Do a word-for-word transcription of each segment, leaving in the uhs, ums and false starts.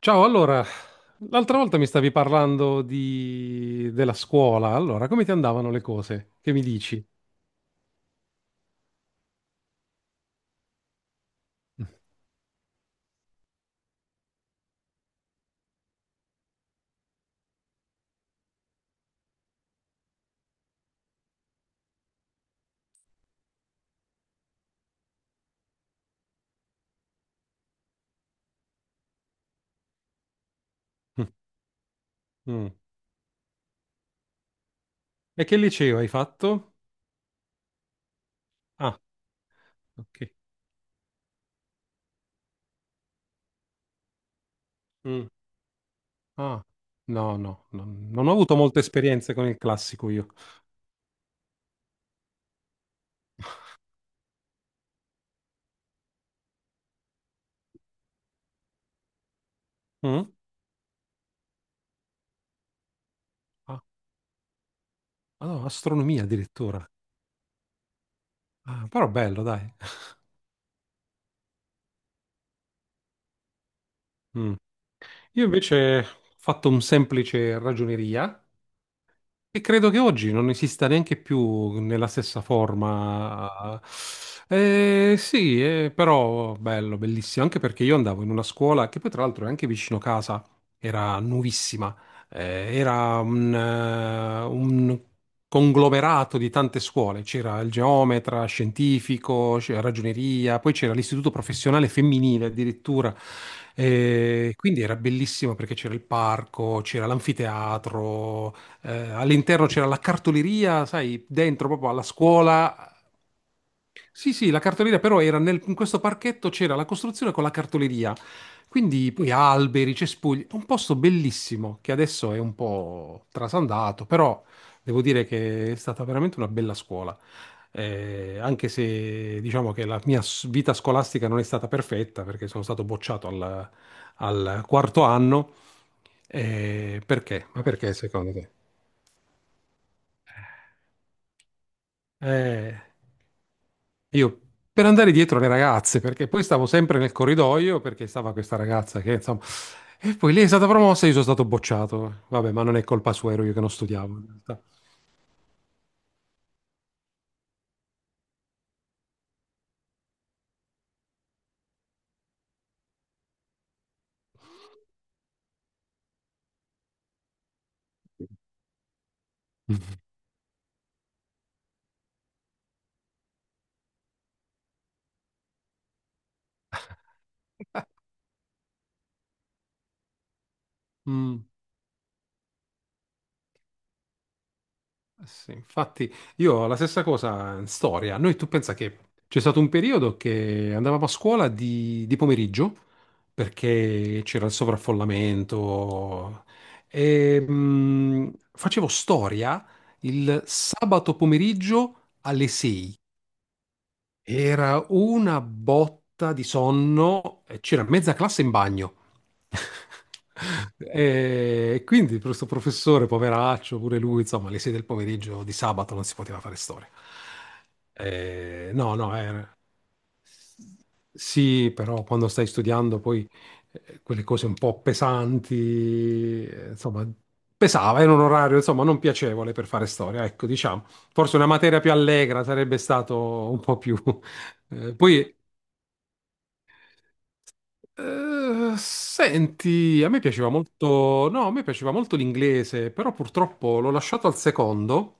Ciao, allora, l'altra volta mi stavi parlando di della scuola. Allora come ti andavano le cose? Che mi dici? Mm. E che liceo hai fatto? Ah, ok. Mm. Ah, no, no, no, non ho avuto molte esperienze con il classico io. Mm? Ah, ah, no, astronomia addirittura. Ah, però bello, dai. Mm. Io invece ho fatto un semplice ragioneria. E credo che oggi non esista neanche più nella stessa forma. Eh, sì, eh, però bello, bellissimo, anche perché io andavo in una scuola che poi tra l'altro è anche vicino casa, era nuovissima. Eh, era un, eh, un conglomerato di tante scuole, c'era il geometra, scientifico, c'era ragioneria, poi c'era l'istituto professionale femminile addirittura. Eh, quindi era bellissimo perché c'era il parco, c'era l'anfiteatro, eh, all'interno c'era la cartoleria, sai, dentro proprio alla scuola. Sì, sì, la cartoleria però era nel- in questo parchetto c'era la costruzione con la cartoleria, quindi poi alberi, cespugli, un posto bellissimo che adesso è un po' trasandato, però devo dire che è stata veramente una bella scuola. Eh, anche se diciamo che la mia s- vita scolastica non è stata perfetta perché sono stato bocciato al, al quarto anno. Eh, perché? Ma perché secondo te? Eh, io, per andare dietro alle ragazze, perché poi stavo sempre nel corridoio, perché stava questa ragazza che insomma. E poi lei è stata promossa e io sono stato bocciato. Vabbè, ma non è colpa sua, ero io che non studiavo, in realtà. Mm. Eh Sì, infatti io ho la stessa cosa in storia. Noi, tu pensa che c'è stato un periodo che andavamo a scuola di, di pomeriggio perché c'era il sovraffollamento e mh, facevo storia il sabato pomeriggio alle sei. Era una botta di sonno, e c'era mezza classe in bagno. E quindi questo professore, poveraccio, pure lui, insomma, le sei del pomeriggio di sabato non si poteva fare storia. Eh, no, no, era. Sì, però quando stai studiando poi eh, quelle cose un po' pesanti, eh, insomma, pesava, era un orario, insomma, non piacevole per fare storia, ecco, diciamo. Forse una materia più allegra sarebbe stato un po' più eh, poi, eh, senti, a me piaceva molto, no, a me piaceva molto l'inglese, però purtroppo l'ho lasciato al secondo,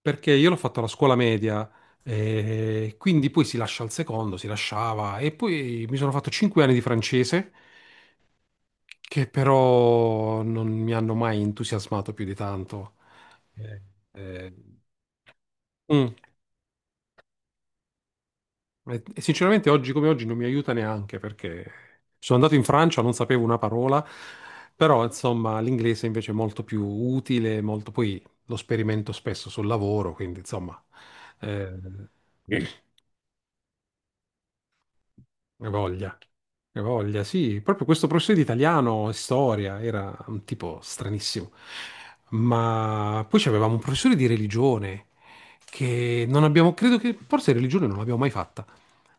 perché io l'ho fatto alla scuola media. Eh, quindi poi si lascia al secondo, si lasciava, e poi mi sono fatto cinque anni di francese, che però non mi hanno mai entusiasmato più di tanto. Eh, eh, mm. E e sinceramente oggi come oggi non mi aiuta neanche perché sono andato in Francia, non sapevo una parola, però insomma l'inglese invece è molto più utile, molto, poi lo sperimento spesso sul lavoro, quindi insomma eh, che voglia, che voglia, sì, proprio questo professore di italiano e storia era un tipo stranissimo. Ma poi avevamo un professore di religione che non abbiamo, credo che forse religione non l'abbiamo mai fatta.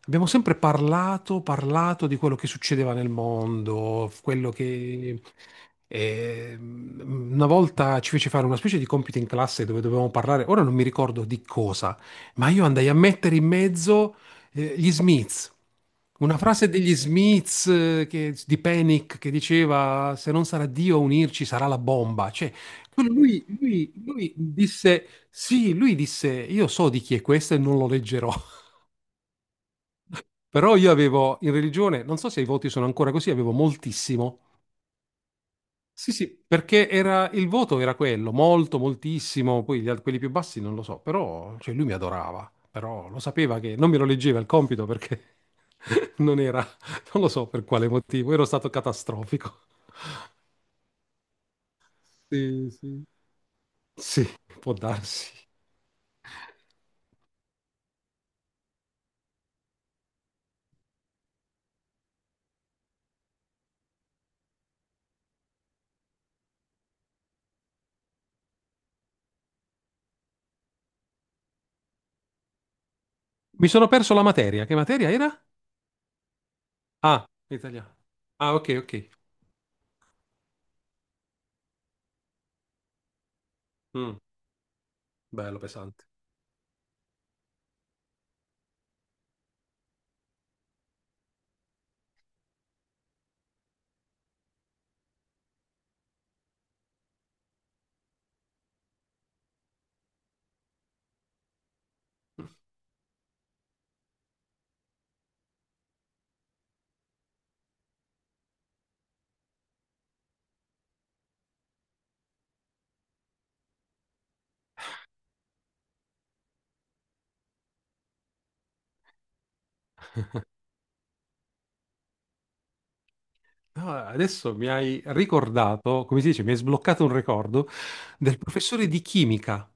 Abbiamo sempre parlato, parlato di quello che succedeva nel mondo, quello che eh, una volta ci fece fare una specie di compito in classe dove dovevamo parlare, ora non mi ricordo di cosa, ma io andai a mettere in mezzo eh, gli Smiths. Una frase degli Smiths, eh, che- di Panic, che diceva: "Se non sarà Dio a unirci, sarà la bomba". Cioè, quello- lui, lui- lui disse sì, lui disse: "Io so di chi è questo e non lo leggerò". Però io avevo in religione, non so se i voti sono ancora così, avevo moltissimo. Sì, sì, perché era, il voto era quello, molto, moltissimo, poi gli al- quelli più bassi non lo so, però cioè, lui mi adorava, però lo sapeva che non me lo leggeva il compito perché non era, non lo so per quale motivo, ero stato catastrofico. Sì, sì. Sì, può darsi. Mi sono perso la materia, che materia era? Ah, italiano. Ah, ok, ok. Mm, bello, pesante. Ah, adesso mi hai ricordato, come si dice, mi hai sbloccato un ricordo del professore di chimica.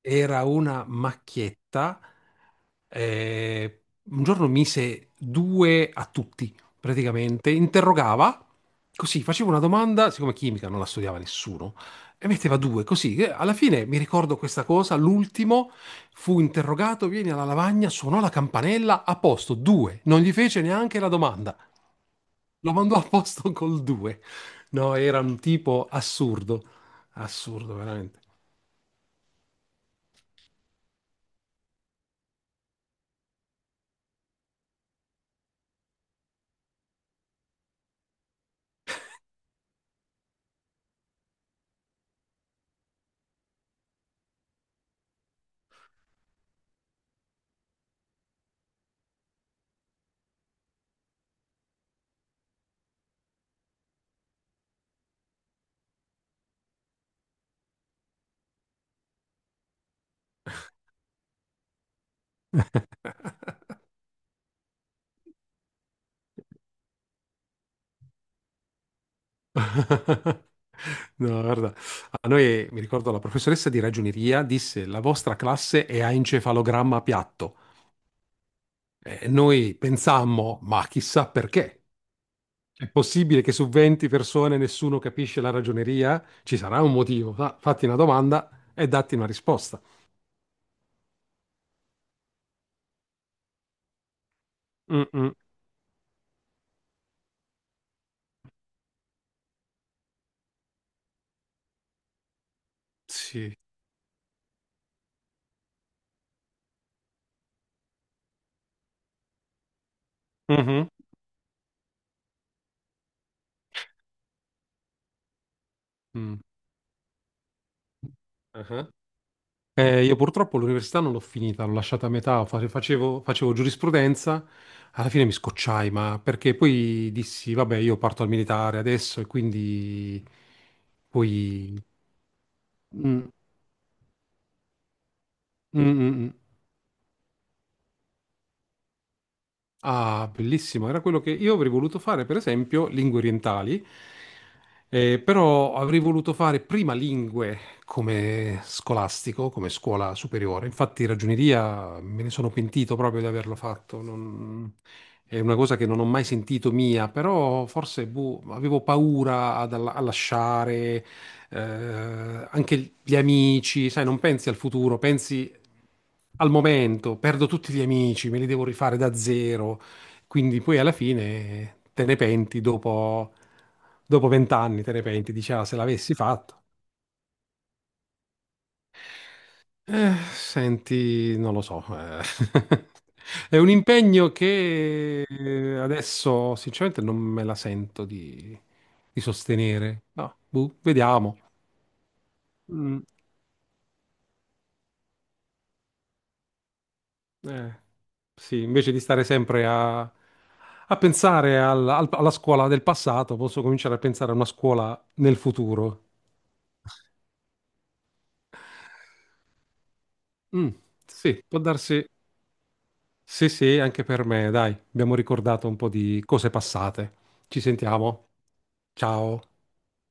Era una macchietta. eh, un giorno mise due a tutti, praticamente. Interrogava, così faceva una domanda, siccome chimica non la studiava nessuno, e metteva due, così. eh, Alla fine mi ricordo questa cosa, l'ultimo fu interrogato, vieni alla lavagna, suonò la campanella, a posto, due. Non gli fece neanche la domanda. Lo mandò a posto col due. No, era un tipo assurdo, assurdo veramente. No, guarda, a noi, mi ricordo, la professoressa di ragioneria disse: "La vostra classe è a encefalogramma piatto". E noi pensammo, ma chissà perché. È possibile che su venti persone nessuno capisce la ragioneria? Ci sarà un motivo. Fa- fatti una domanda e datti una risposta. Mm, mm. Sì. Mhm. Mm. Eh, io purtroppo l'università non l'ho finita, l'ho lasciata a metà, fa- facevo, facevo giurisprudenza, alla fine mi scocciai, ma perché poi dissi, vabbè, io parto al militare adesso, e quindi poi. Mm, mm, mm, mm. Ah, bellissimo, era quello che io avrei voluto fare, per esempio, lingue orientali, eh, però avrei voluto fare prima lingue come scolastico, come scuola superiore. Infatti, ragioneria me ne sono pentito proprio di averlo fatto. non- È una cosa che non ho mai sentito mia, però forse boh, avevo paura ad alla- a lasciare, eh, anche gli amici, sai, non pensi al futuro, pensi al momento, perdo tutti gli amici, me li devo rifare da zero, quindi poi alla fine te ne penti dopo dopo vent'anni, te ne penti, dici: "Ah, se l'avessi fatto". Eh, senti, non lo so. eh. È un impegno che, eh, adesso sinceramente non me la sento di, di sostenere. No, boh, vediamo. Mm. Eh, sì, invece di stare sempre a, a pensare al- al- alla scuola del passato, posso cominciare a pensare a una scuola nel futuro. Mm, sì, può darsi. Sì, sì, anche per me, dai, abbiamo ricordato un po' di cose passate. Ci sentiamo. Ciao.